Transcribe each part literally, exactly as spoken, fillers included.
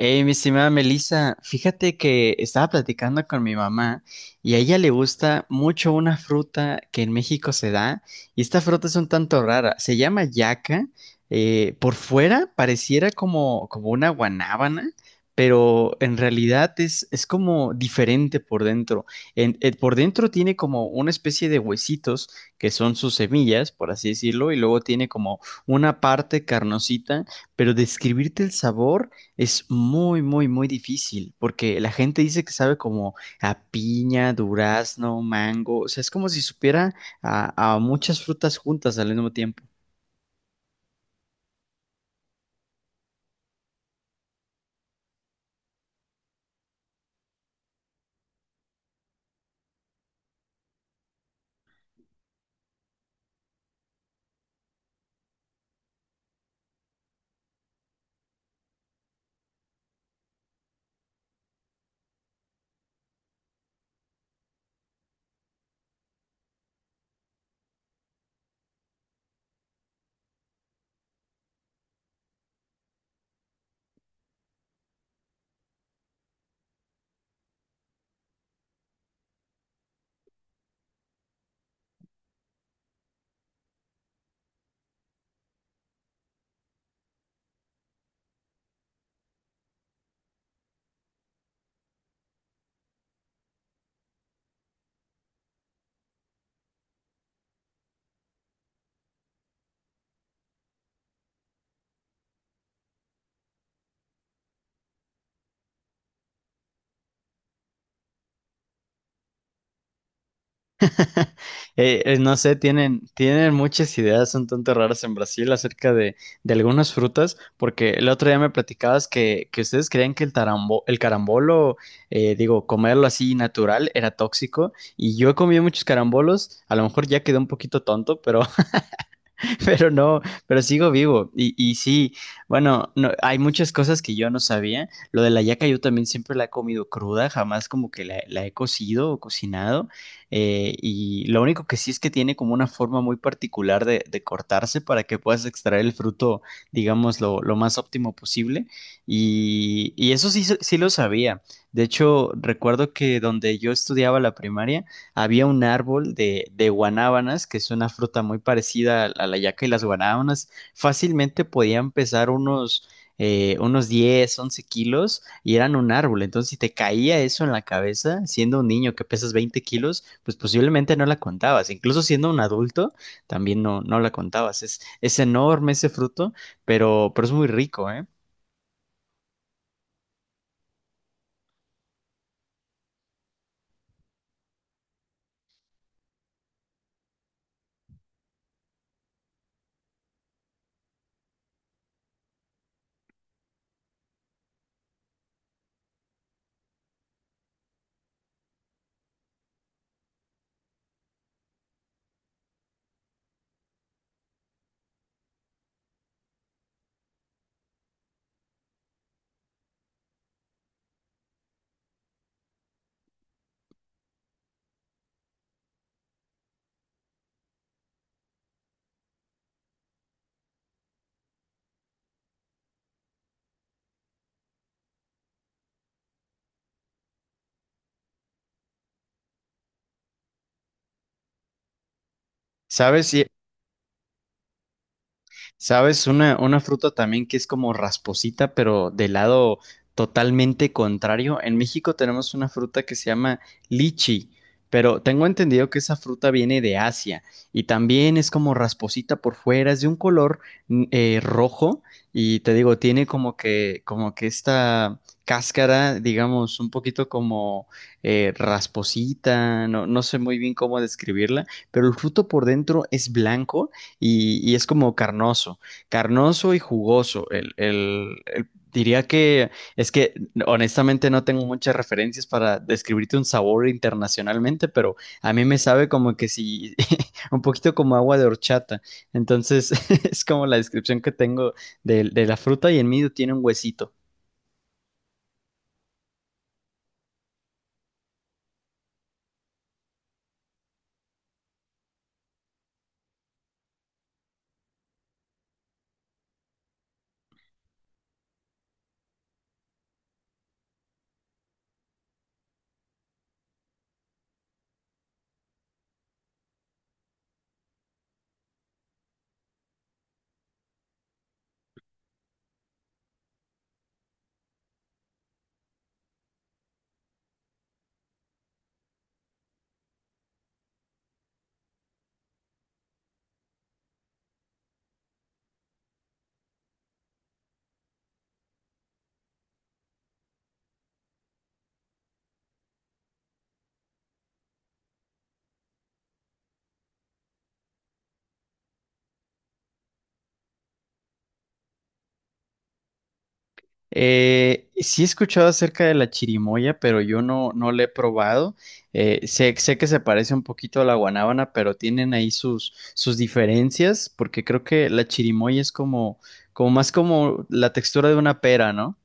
Hey, mi estimada Melissa, fíjate que estaba platicando con mi mamá y a ella le gusta mucho una fruta que en México se da y esta fruta es un tanto rara, se llama yaca, eh, por fuera pareciera como, como una guanábana, pero en realidad es, es como diferente por dentro. En- eh, por dentro tiene como una especie de huesitos que son sus semillas, por así decirlo, y luego tiene como una parte carnosita, pero describirte el sabor... Es muy, muy, muy difícil, porque la gente dice que sabe como a piña, durazno, mango, o sea, es como si supiera a, a muchas frutas juntas al mismo tiempo. Eh, eh, no sé, tienen, tienen muchas ideas un tanto raras en Brasil acerca de, de algunas frutas, porque el otro día me platicabas que, que ustedes creían que el tarambo, el carambolo, eh, digo, comerlo así natural era tóxico, y yo he comido muchos carambolos, a lo mejor ya quedé un poquito tonto, pero Pero no, pero sigo vivo. Y, y sí, bueno, no, hay muchas cosas que yo no sabía. Lo de la yaca yo también siempre la he comido cruda, jamás como que la, la he cocido o cocinado. Eh, y lo único que sí es que tiene como una forma muy particular de, de cortarse para que puedas extraer el fruto, digamos, lo, lo más óptimo posible. Y, y eso sí, sí lo sabía. De hecho, recuerdo que donde yo estudiaba la primaria, había un árbol de, de guanábanas, que es una fruta muy parecida a, a la yaca y las guanábanas, fácilmente podían pesar unos, eh, unos diez once kilos y eran un árbol. Entonces, si te caía eso en la cabeza, siendo un niño que pesas veinte kilos, pues posiblemente no la contabas. Incluso siendo un adulto, también no, no la contabas. Es, es enorme ese fruto, pero, pero es muy rico, ¿eh? ¿Sabes? Y ¿Sabes? Una, una fruta también que es como rasposita, pero del lado totalmente contrario. En México tenemos una fruta que se llama lichi, pero tengo entendido que esa fruta viene de Asia y también es como rasposita por fuera, es de un color mm, eh, rojo y te digo, tiene como que, como que, esta cáscara, digamos, un poquito como eh, rasposita, no, no sé muy bien cómo describirla, pero el fruto por dentro es blanco y, y es como carnoso, carnoso y jugoso. El, el- el- diría que es que honestamente no tengo muchas referencias para describirte un sabor internacionalmente, pero a mí me sabe como que si un poquito como agua de horchata. Entonces es como la descripción que tengo de, de la fruta y en medio tiene un huesito. Eh, sí he escuchado acerca de la chirimoya, pero yo no, no la he probado. Eh, sé, sé que se parece un poquito a la guanábana, pero tienen ahí sus, sus diferencias, porque creo que la chirimoya es como, como más como la textura de una pera, ¿no?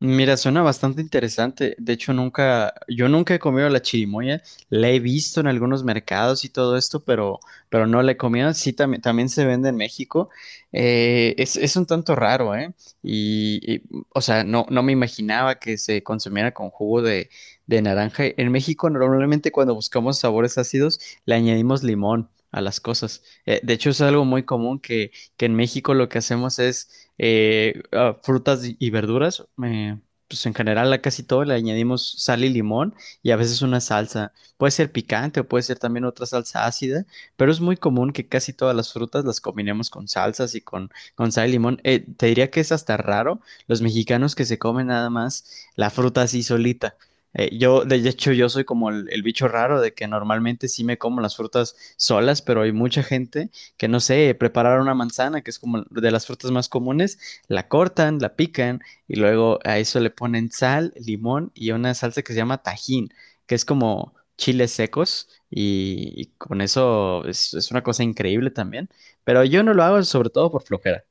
Mira, suena bastante interesante. De hecho, nunca, yo nunca he comido la chirimoya. La he visto en algunos mercados y todo esto, pero, pero no la he comido. Sí, también, también se vende en México. Eh, es, es un tanto raro, ¿eh? Y, y, o sea, no, no me imaginaba que se consumiera con jugo de, de naranja. En México, normalmente cuando buscamos sabores ácidos, le añadimos limón a las cosas. Eh, de hecho, es algo muy común que, que en México lo que hacemos es eh, a frutas y y verduras, eh, pues en general a casi todo le añadimos sal y limón y a veces una salsa. Puede ser picante o puede ser también otra salsa ácida, pero es muy común que casi todas las frutas las combinemos con salsas y con, con sal y limón. Eh, te diría que es hasta raro los mexicanos que se comen nada más la fruta así solita. Eh, yo, de hecho, yo soy como el, el bicho raro de que normalmente sí me como las frutas solas, pero hay mucha gente que no sé, preparar una manzana, que es como de las frutas más comunes, la cortan, la pican y luego a eso le ponen sal, limón y una salsa que se llama tajín, que es como chiles secos y, y con eso es, es una cosa increíble también, pero yo no lo hago sobre todo por flojera.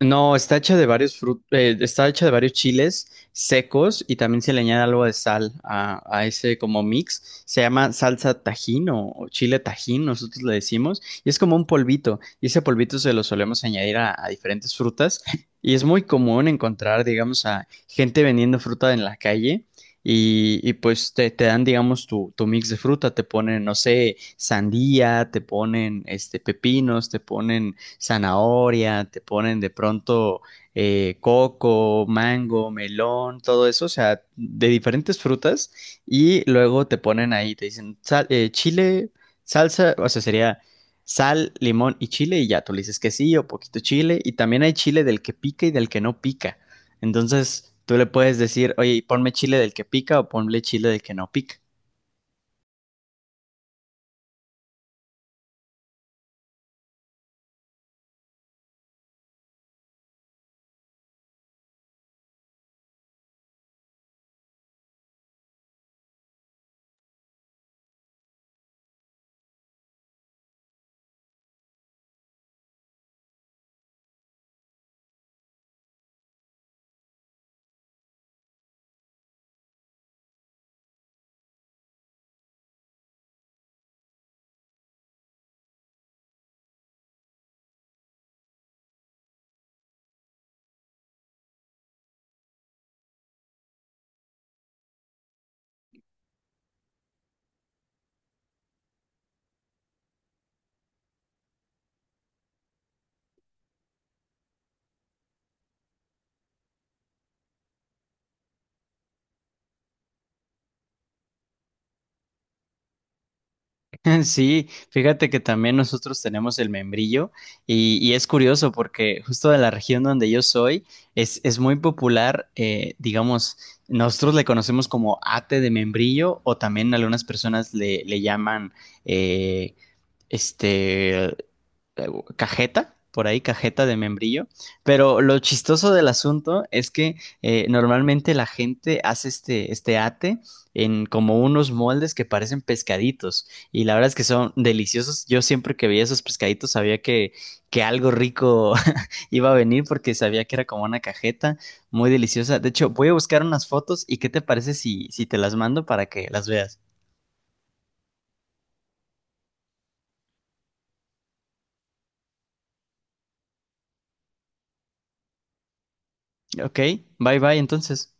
No, está hecha de varios frut- eh, está hecha de varios chiles secos y también se le añade algo de sal a, a ese como mix. Se llama salsa tajín o, o chile tajín, nosotros le decimos, y es como un polvito. Y ese polvito se lo solemos añadir a, a diferentes frutas y es muy común encontrar, digamos, a gente vendiendo fruta en la calle. Y, y pues te, te dan, digamos, tu, tu mix de fruta, te ponen, no sé, sandía, te ponen este pepinos, te ponen zanahoria, te ponen de pronto eh, coco, mango, melón, todo eso, o sea, de diferentes frutas y luego te ponen ahí, te dicen sal- eh, chile, salsa, o sea, sería sal, limón y chile y ya, tú le dices que sí o poquito chile y también hay chile del que pica y del que no pica. Entonces, tú le puedes decir, oye, ponme chile del que pica o ponle chile del que no pica. Sí, fíjate que también nosotros tenemos el membrillo y, y es curioso porque justo de la región donde yo soy es, es muy popular, eh, digamos, nosotros le conocemos como ate de membrillo o también algunas personas le, le llaman eh, este, eh, cajeta, por ahí, cajeta de membrillo. Pero lo chistoso del asunto es que eh, normalmente la gente hace este, este ate en como unos moldes que parecen pescaditos. Y la verdad es que son deliciosos. Yo siempre que veía esos pescaditos sabía que, que algo rico iba a venir porque sabía que era como una cajeta muy deliciosa. De hecho, voy a buscar unas fotos y ¿qué te parece si, si te las mando para que las veas? Ok, bye bye entonces.